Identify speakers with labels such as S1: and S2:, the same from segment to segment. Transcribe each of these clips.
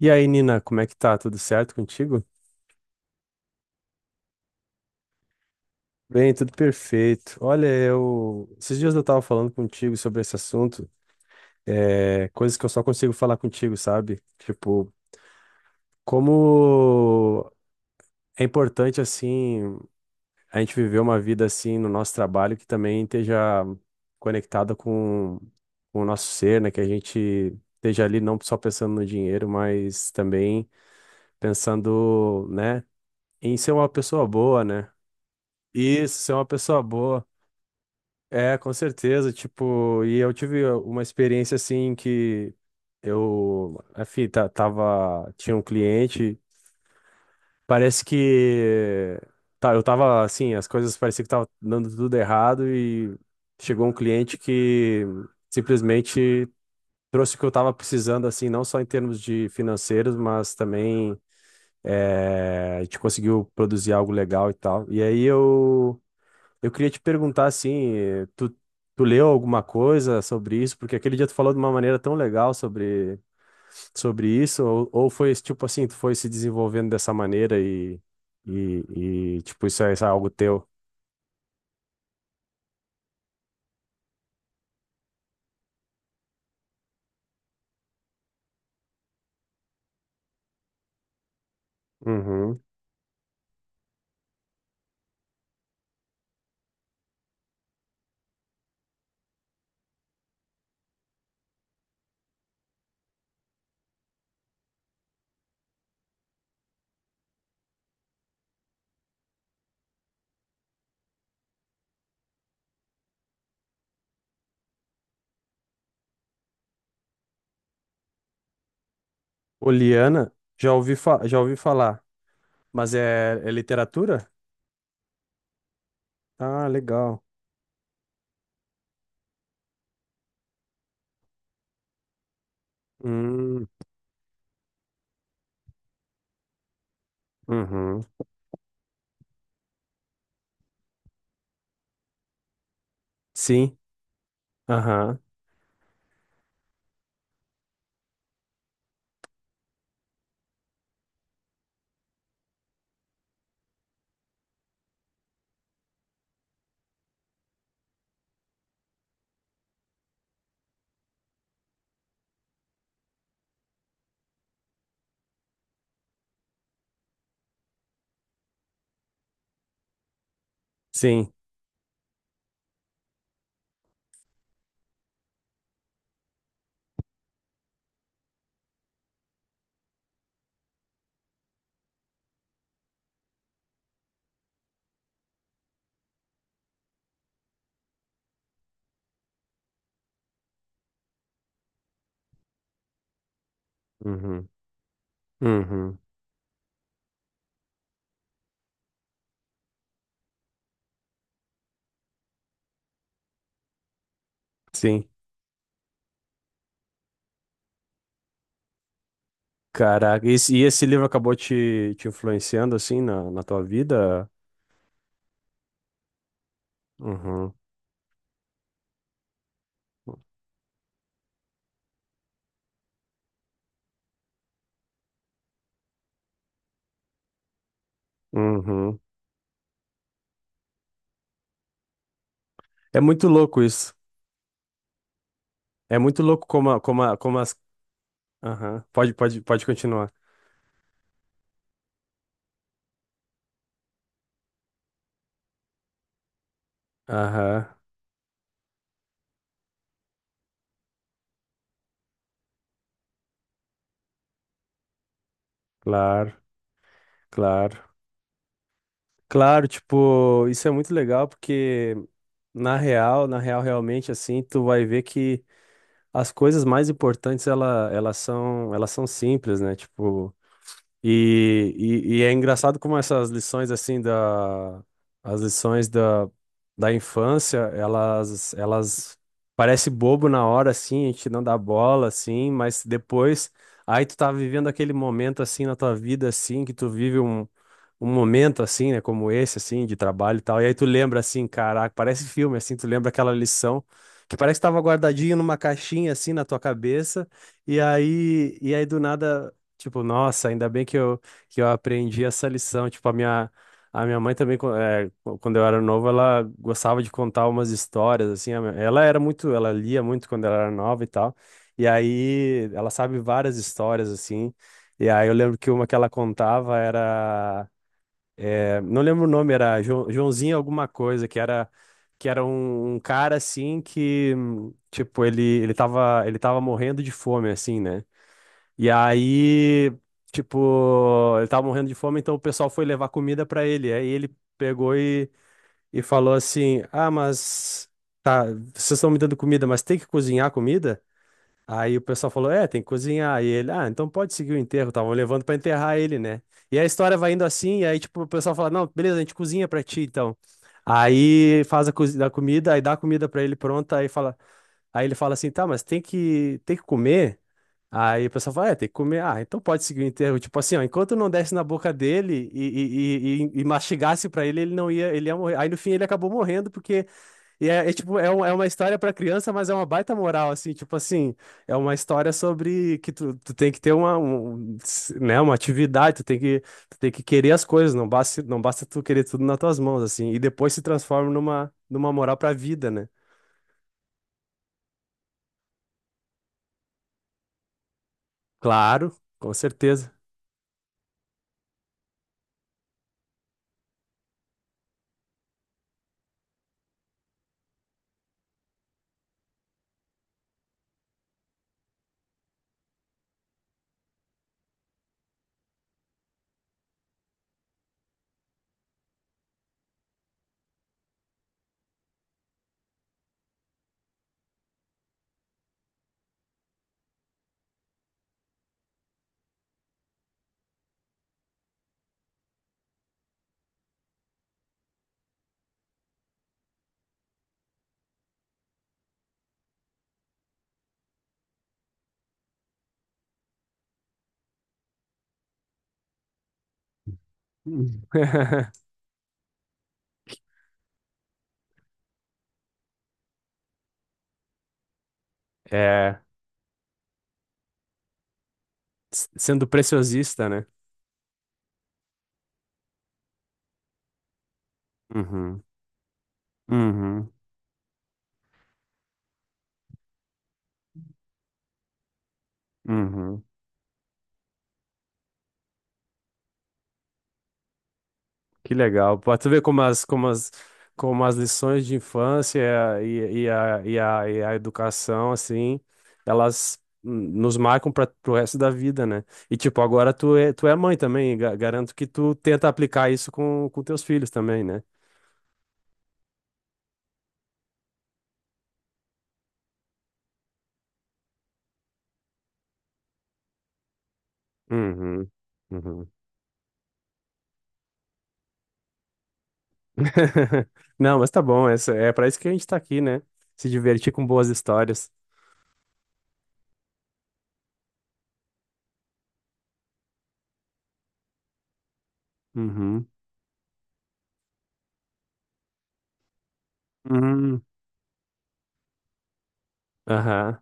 S1: E aí, Nina, como é que tá? Tudo certo contigo? Bem, tudo perfeito. Olha, eu. esses dias eu tava falando contigo sobre esse assunto, coisas que eu só consigo falar contigo, sabe? Tipo, como é importante, assim, a gente viver uma vida, assim, no nosso trabalho que também esteja conectada com... com o nosso ser, né? Que a gente esteja ali não só pensando no dinheiro, mas também pensando, né, em ser uma pessoa boa, né? Isso, ser uma pessoa boa. É, com certeza, tipo, e eu tive uma experiência assim que enfim, tinha um cliente, parece que tá, eu tava assim, as coisas pareciam que tava dando tudo errado e chegou um cliente que simplesmente trouxe o que eu tava precisando assim, não só em termos de financeiros, mas também a gente conseguiu produzir algo legal e tal. E aí eu queria te perguntar assim, tu leu alguma coisa sobre isso? Porque aquele dia tu falou de uma maneira tão legal sobre isso, ou foi esse tipo assim, tu foi se desenvolvendo dessa maneira e, tipo, isso é algo teu? Uhum. Oliana, já ouvi, já ouvi falar, mas é literatura? Ah, legal. Hum, uhum. Sim, aham, sim, uhum, uhum, sim. Caraca, e esse livro acabou te influenciando assim na tua vida? Uhum, uhum. É muito louco isso. É muito louco como, a- como, a- como as. Aham. Pode continuar. Aham, claro, claro. Claro, tipo, isso é muito legal porque na real, realmente, assim, tu vai ver que as coisas mais importantes, elas elas são simples, né? Tipo. E é engraçado como essas lições assim da as lições da infância, elas parece bobo na hora assim, a gente não dá bola assim, mas depois aí tu tá vivendo aquele momento assim na tua vida assim que tu vive um momento assim, né, como esse assim, de trabalho e tal. E aí tu lembra assim, caraca, parece filme assim, tu lembra aquela lição que parece que estava guardadinho numa caixinha assim na tua cabeça. E aí do nada, tipo, nossa, ainda bem que eu aprendi essa lição, tipo, a minha mãe também, quando eu era novo, ela gostava de contar umas histórias, assim. Ela era muito, ela lia muito quando ela era nova e tal. E aí, ela sabe várias histórias, assim. E aí, eu lembro que uma que ela contava era não lembro o nome, era Joãozinho alguma coisa, que era um cara assim que, tipo, ele tava morrendo de fome assim, né? E aí, tipo, ele tava morrendo de fome, então o pessoal foi levar comida pra ele. Aí ele pegou e falou assim: "Ah, mas tá, vocês estão me dando comida, mas tem que cozinhar comida?" Aí o pessoal falou: É, tem que cozinhar. E ele, ah, então pode seguir o enterro. Estavam levando pra enterrar ele, né? E a história vai indo assim. E aí, tipo, o pessoal fala: Não, beleza, a gente cozinha pra ti, então. Aí faz a comida, aí dá a comida pra ele pronta. Aí ele fala assim: Tá, tem que comer. Aí o pessoal fala: É, tem que comer. Ah, então pode seguir o enterro. Tipo assim, ó, enquanto não desse na boca dele e mastigasse pra ele, ele não ia, ele ia morrer. Aí no fim ele acabou morrendo porque é, é uma história pra criança, mas é uma baita moral, assim, tipo assim, é uma história sobre que tu tem que ter né, uma atividade, tu tem que querer as coisas, não basta tu querer tudo nas tuas mãos, assim, e depois se transforma numa moral pra vida, né? Claro, com certeza. Hum. É, sendo preciosista, né? Uhum, uhum, uhum. Que legal. Pra tu ver como as lições de infância e a educação, assim, elas nos marcam para o resto da vida, né? E, tipo, agora tu é mãe também. Garanto que tu tenta aplicar isso com teus filhos também, né? Uhum. Uhum. Não, mas tá bom. Essa, é para isso que a gente tá aqui, né? Se divertir com boas histórias. Uhum. Uhum. Aham.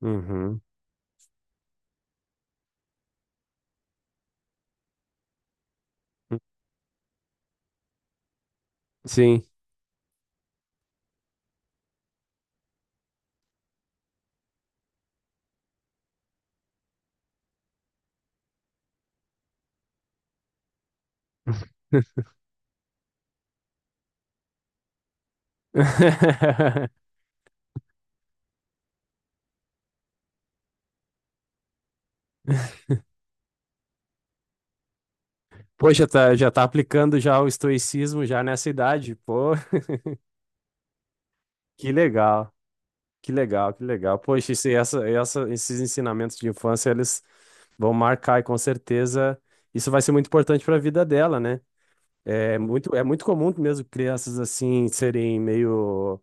S1: Uhum. Sim. Pô, já tá aplicando já o estoicismo já nessa idade. Pô, que legal, que legal, que legal. Poxa, isso, esses ensinamentos de infância, eles vão marcar e com certeza isso vai ser muito importante para a vida dela, né? É muito comum mesmo crianças assim serem meio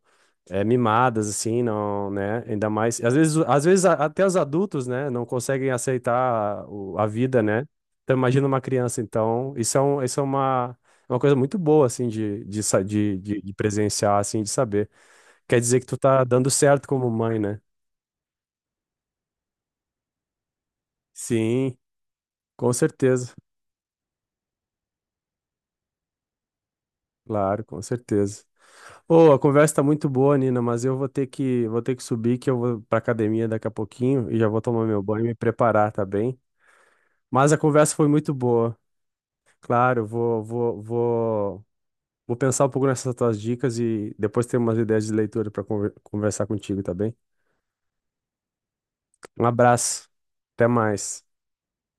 S1: é, mimadas, assim, não, né? Ainda mais. Às vezes até os adultos, né, não conseguem aceitar a vida, né? Então, imagina uma criança. Então, isso é uma coisa muito boa, assim, de presenciar, assim, de saber. Quer dizer que tu tá dando certo como mãe, né? Sim, com certeza. Claro, com certeza. Ô, a conversa tá muito boa, Nina, mas eu vou ter vou ter que subir, que eu vou pra academia daqui a pouquinho e já vou tomar meu banho e me preparar, tá bem? Mas a conversa foi muito boa. Claro, vou pensar um pouco nessas tuas dicas e depois ter umas ideias de leitura para conversar contigo, tá bem? Um abraço. Até mais.